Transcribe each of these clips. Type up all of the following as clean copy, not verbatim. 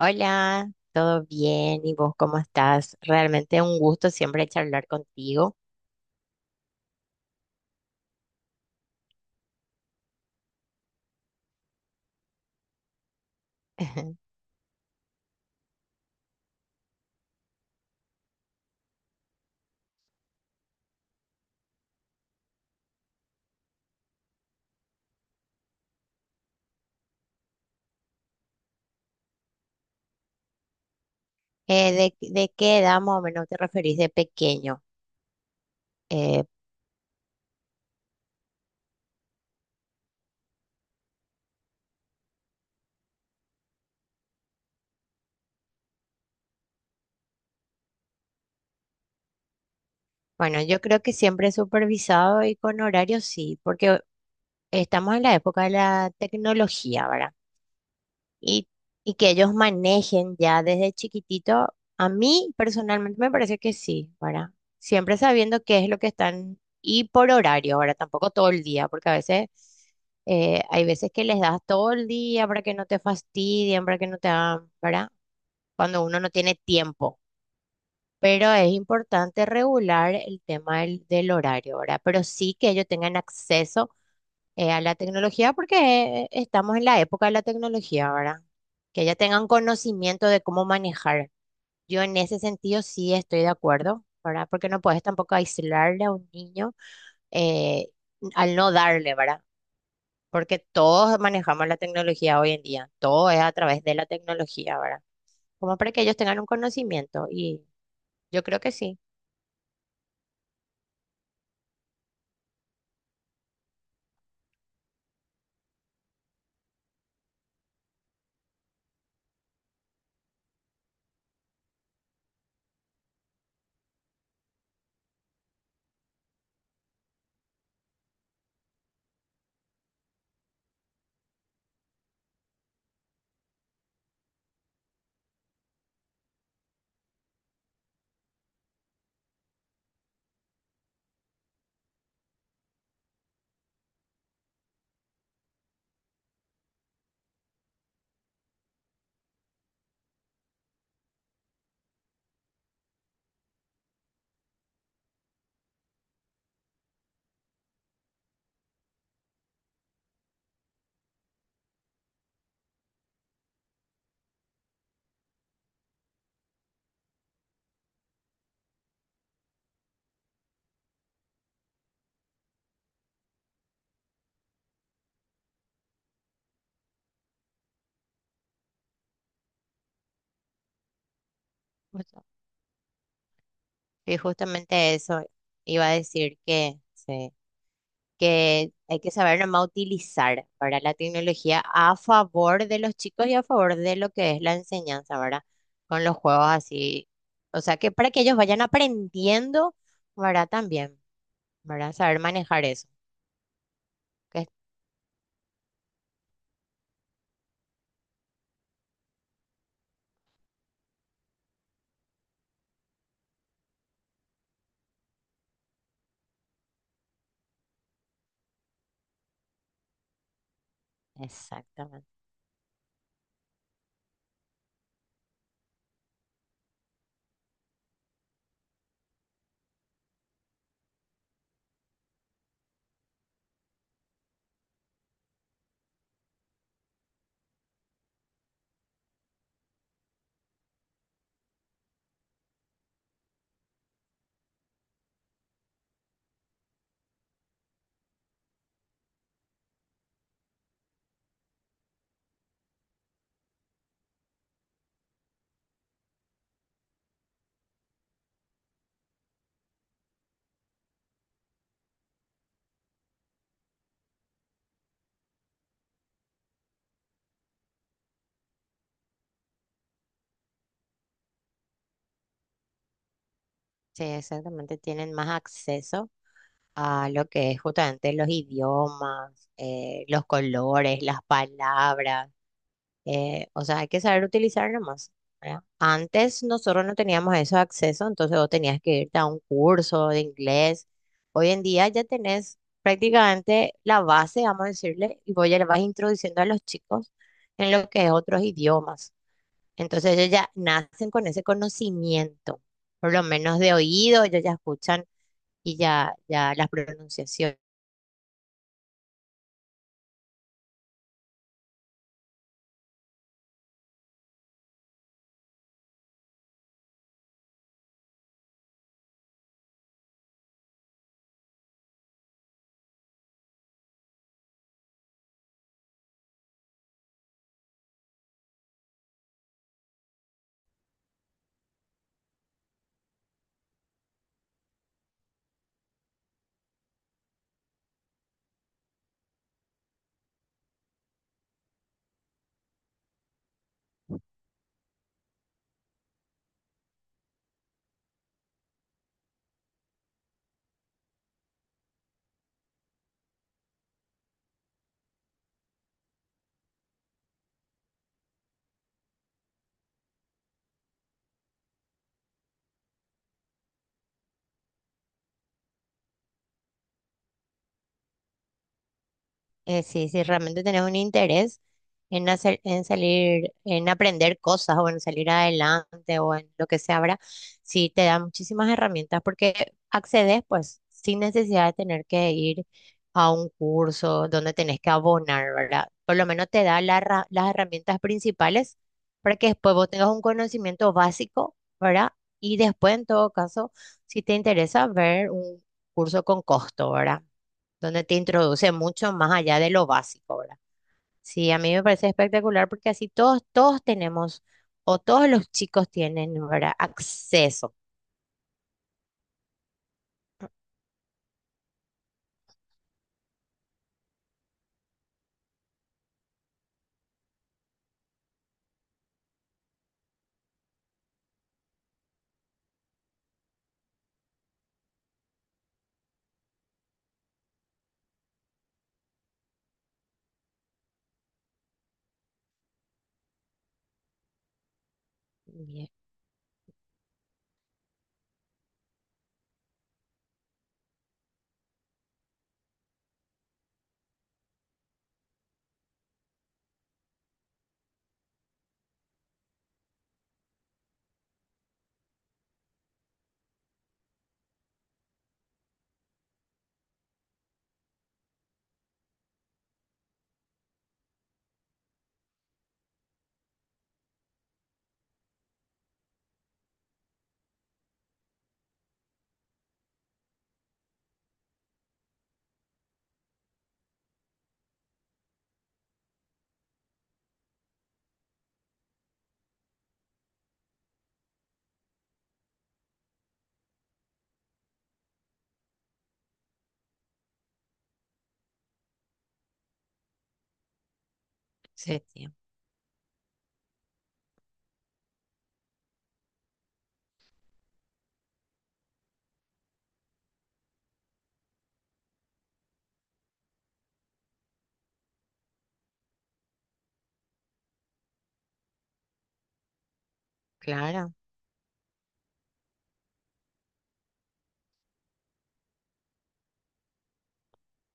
Hola, ¿todo bien? ¿Y vos cómo estás? Realmente un gusto siempre charlar contigo. Eh, ¿de qué edad más o menos te referís de pequeño? Eh, bueno, yo creo que siempre supervisado y con horario sí, porque estamos en la época de la tecnología, ¿verdad? y, y que ellos manejen ya desde chiquitito, a mí personalmente me parece que sí, ¿verdad? Siempre sabiendo qué es lo que están y por horario, ahora tampoco todo el día, porque a veces hay veces que les das todo el día para que no te fastidien, para que no te hagan, ¿verdad? Cuando uno no tiene tiempo. Pero es importante regular el tema del horario, ¿verdad? Pero sí que ellos tengan acceso a la tecnología porque estamos en la época de la tecnología, ¿verdad? Que ya tengan conocimiento de cómo manejar. Yo en ese sentido sí estoy de acuerdo, ¿verdad? Porque no puedes tampoco aislarle a un niño eh, al no darle, ¿verdad? Porque todos manejamos la tecnología hoy en día, todo es a través de la tecnología, ¿verdad? Como para que ellos tengan un conocimiento y yo creo que sí. justo- Y justamente eso iba a decir sí. Que hay que saber nomás utilizar para la tecnología a favor de los chicos y a favor de lo que es la enseñanza, ¿verdad? Con los juegos así, o sea, que para que ellos vayan aprendiendo, ¿verdad? También, ¿verdad? Saber manejar eso. que- Exactamente, sí, exactamente, tienen más acceso a lo que es justamente los idiomas, los colores, las palabras. O sea, hay que saber utilizar nomás, ¿verdad? Antes nosotros no teníamos esos accesos, entonces vos tenías que irte a un curso de inglés. Hoy en día ya tenés prácticamente la base, vamos a decirle, y vos ya le vas introduciendo a los chicos en lo que es otros idiomas. Entonces ellos ya nacen con ese conocimiento, por lo menos de oído, ellos ya escuchan y ya, ya las pronunciaciones. Sí, sí, realmente tenés un interés en hacer, en salir, en aprender cosas o en salir adelante o en lo que sea, ¿verdad? Sí, te da muchísimas herramientas porque accedes pues sin necesidad de tener que ir a un curso donde tenés que abonar, ¿verdad? Por lo menos te da la las herramientas principales para que después vos tengas un conocimiento básico, ¿verdad? Y después, en todo caso, si te interesa ver un curso con costo, ¿verdad? Donde te introduce mucho más allá de lo básico, ¿verdad? Sí, a mí me parece espectacular porque así todos, todos tenemos, o todos los chicos tienen, ¿verdad? Acceso. Bien, sí, sí, claro,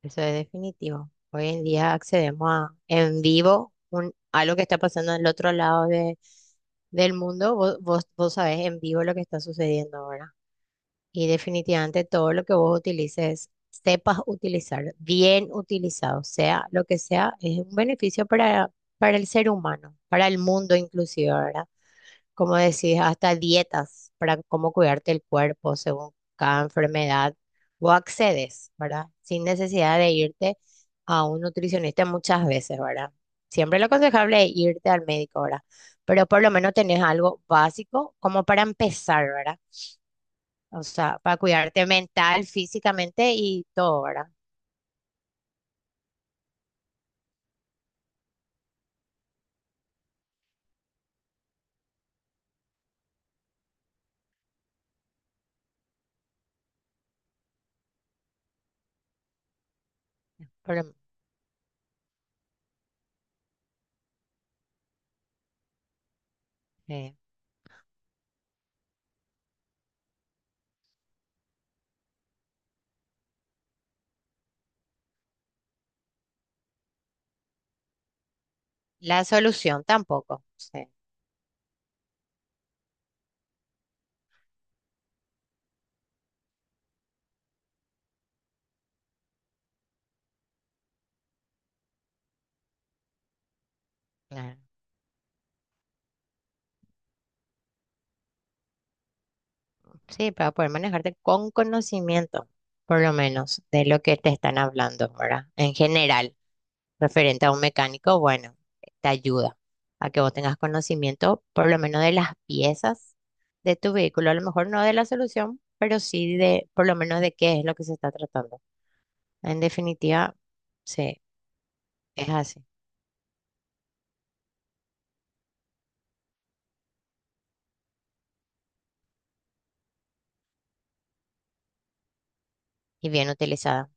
eso es definitivo. Hoy en día accedemos a en vivo un, a lo que está pasando en el otro lado de, del mundo. Vos sabés en vivo lo que está sucediendo, ¿verdad? Y definitivamente todo lo que vos utilices, sepas utilizar, bien utilizado, sea lo que sea, es un beneficio para el ser humano, para el mundo inclusive, ¿verdad? Como decís, hasta dietas para cómo cuidarte el cuerpo según cada enfermedad, vos accedes, ¿verdad? Sin necesidad de irte a un nutricionista muchas veces, ¿verdad? Siempre lo aconsejable es irte al médico, ¿verdad? Pero por lo menos tenés algo básico como para empezar, ¿verdad? O sea, para cuidarte mental, físicamente y todo, ¿verdad? Pero, eh, la solución tampoco. Sí, claro. Sí, para poder manejarte con conocimiento, por lo menos, de lo que te están hablando, ¿verdad? En general, referente a un mecánico, bueno, te ayuda a que vos tengas conocimiento, por lo menos de las piezas de tu vehículo, a lo mejor no de la solución, pero sí de, por lo menos de qué es lo que se está tratando. En definitiva, sí, es así y bien utilizada.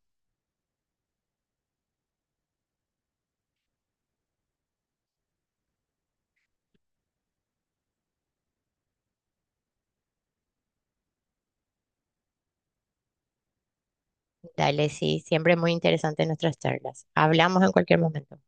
Dale, sí, siempre muy interesante nuestras charlas. Hablamos en cualquier momento.